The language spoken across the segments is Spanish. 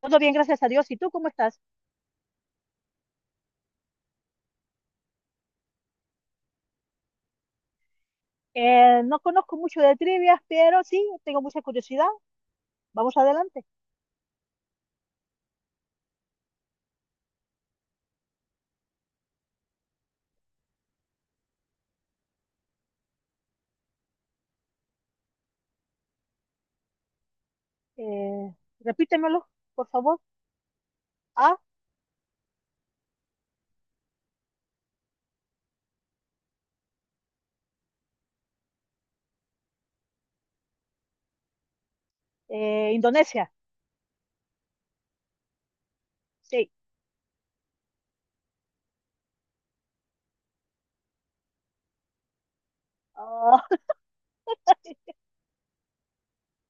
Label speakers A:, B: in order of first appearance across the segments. A: Todo bien, gracias a Dios. ¿Y tú cómo estás? No conozco mucho de trivias, pero sí, tengo mucha curiosidad. Vamos adelante. Eh, Repítemelo, por favor. Ah, Indonesia. Sí. Ah,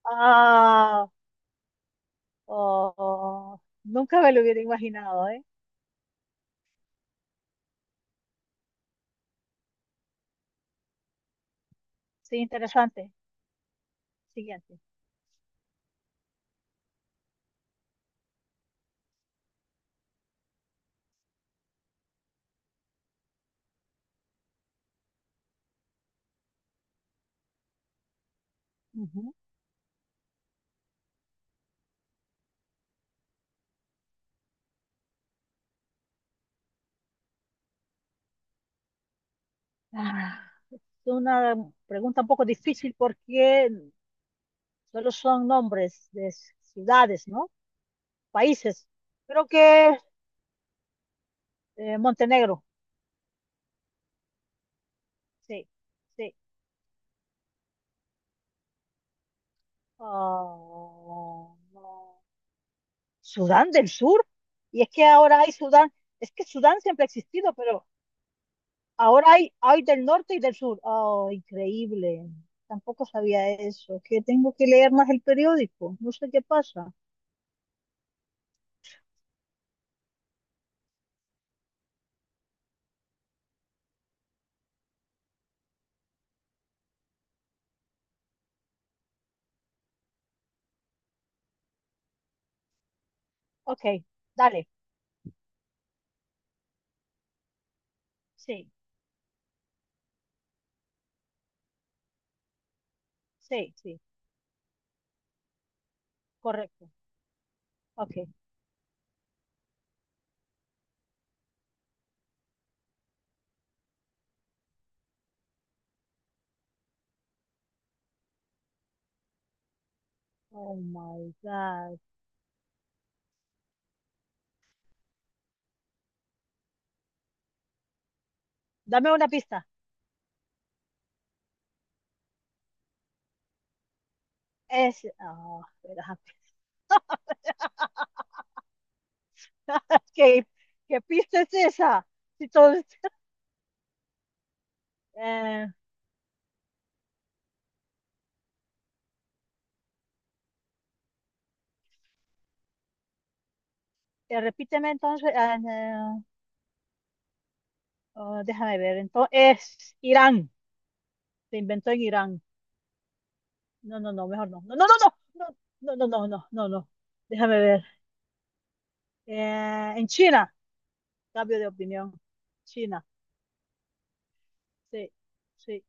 A: ah, oh, nunca me lo hubiera imaginado, ¿eh? Sí, interesante. Siguiente. Ujú. Ah, es una pregunta un poco difícil porque solo son nombres de ciudades, ¿no? Países. Creo que Montenegro. Sí, sí. Ah, no. Sudán del Sur. Y es que ahora hay Sudán, es que Sudán siempre ha existido, pero ahora hay del norte y del sur. Oh, increíble. Tampoco sabía eso. Que tengo que leer más el periódico. No sé qué pasa. Ok, dale. Sí, sí, sí. Correcto. Ok. Oh my God. Dame una pista. Es. Espera. ¿Qué, qué pista es esa? Si todo- Eh, Repíteme entonces, ah, no, ah, déjame ver, entonces, se inventó en Irán. No, no, no, mejor no. No, no, no, no, no, no, no, no, no, no. Déjame ver. En China, cambio de opinión. China, sí, sí,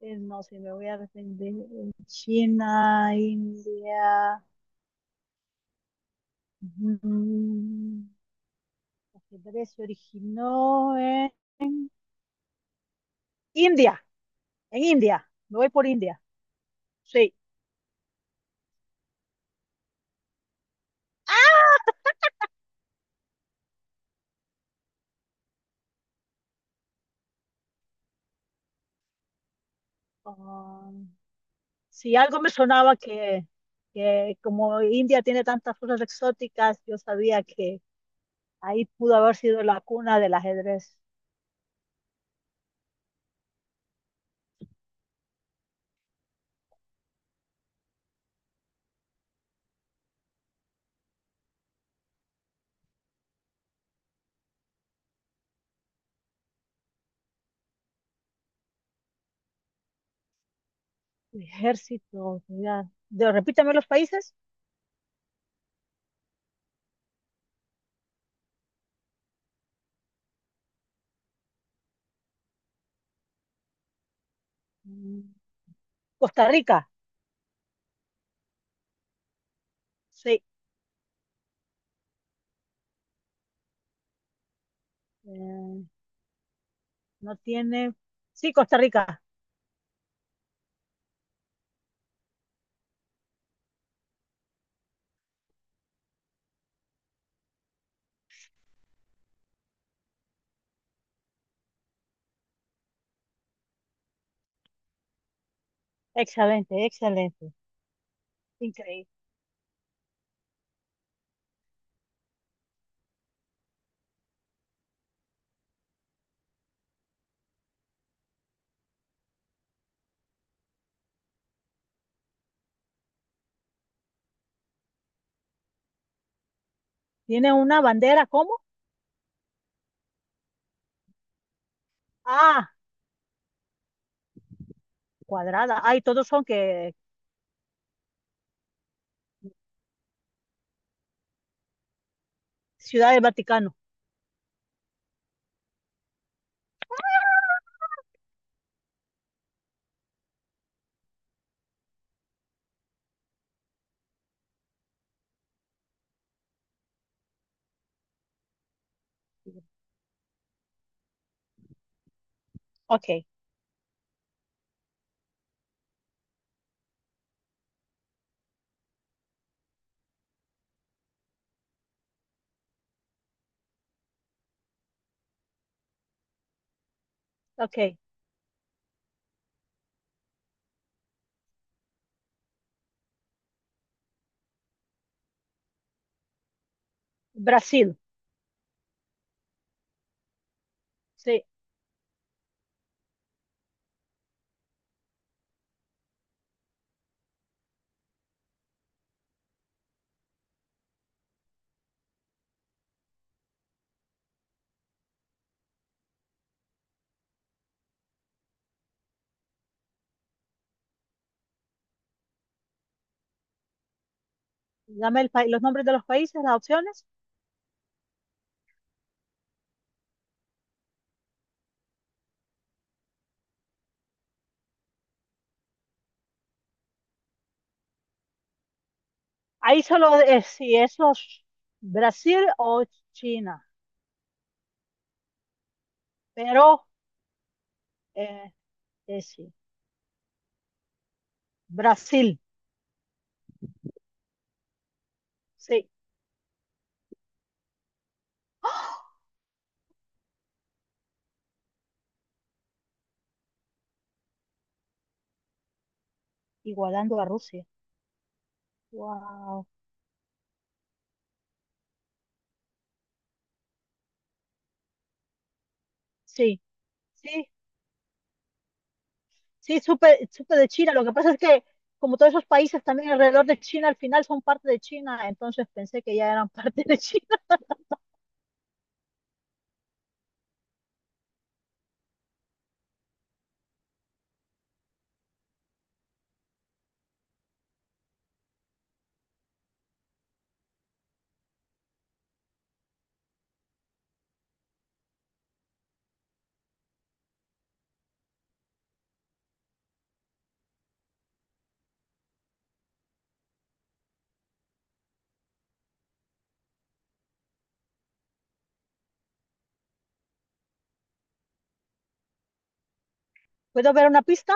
A: no, sí, me voy a arrepentir. India. mm, El ajedrez se originó en India, en India. Me voy por India, sí. Ah, si algo me sonaba que como India tiene tantas cosas exóticas, yo sabía que ahí pudo haber sido la cuna del ajedrez. Ejército, ya. Repítame los países. Mm, Costa Rica, sí. Eh, no tiene. Sí, Costa Rica. Excelente, excelente. Increíble. Tiene una bandera, ¿cómo? Ah, cuadrada. Ay, todos son que Ciudad del Vaticano. Ok, ok. Brasil, sí. Dame el país, los nombres de los países, las opciones. Ahí solo es si es los Brasil o China, pero eh, sí. Brasil, sí. ¡Ah! Igualando a Rusia. Wow. Sí, sí, sí, supe de China. Lo que pasa es que como todos esos países también alrededor de China al final son parte de China, entonces pensé que ya eran parte de China. ¿Puedo ver una pista?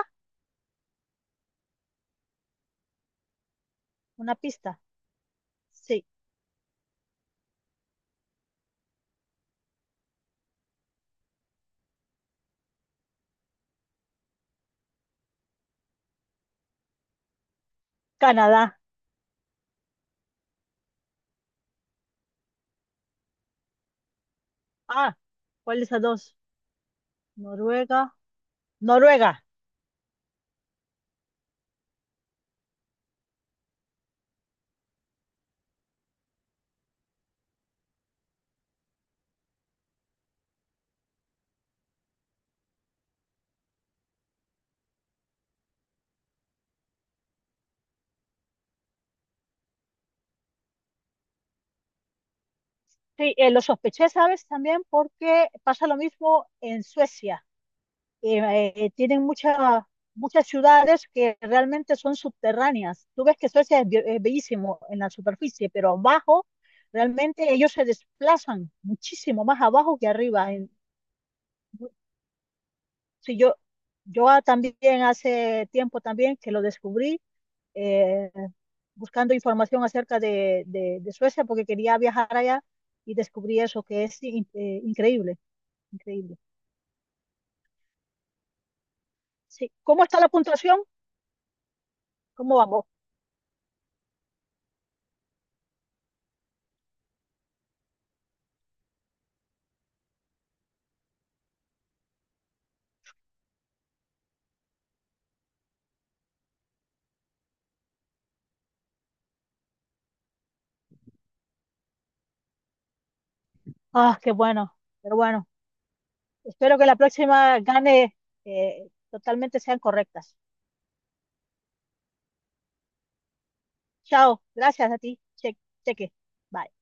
A: Una pista. Sí, Canadá. Ah, ¿cuál de esas dos? Noruega. Noruega. Sí, lo sospeché, ¿sabes? También porque pasa lo mismo en Suecia. Tienen muchas ciudades que realmente son subterráneas. Tú ves que Suecia es bellísimo en la superficie, pero abajo realmente ellos se desplazan muchísimo más abajo que arriba. Sí, yo también hace tiempo también que lo descubrí, eh, buscando información acerca de Suecia porque quería viajar allá y descubrí eso que es increíble. Increíble. Sí. ¿Cómo está la puntuación? ¿Cómo vamos? Ah, qué bueno. Pero bueno, espero que la próxima gane totalmente sean correctas. Chao. Gracias a ti. Cheque. Bye.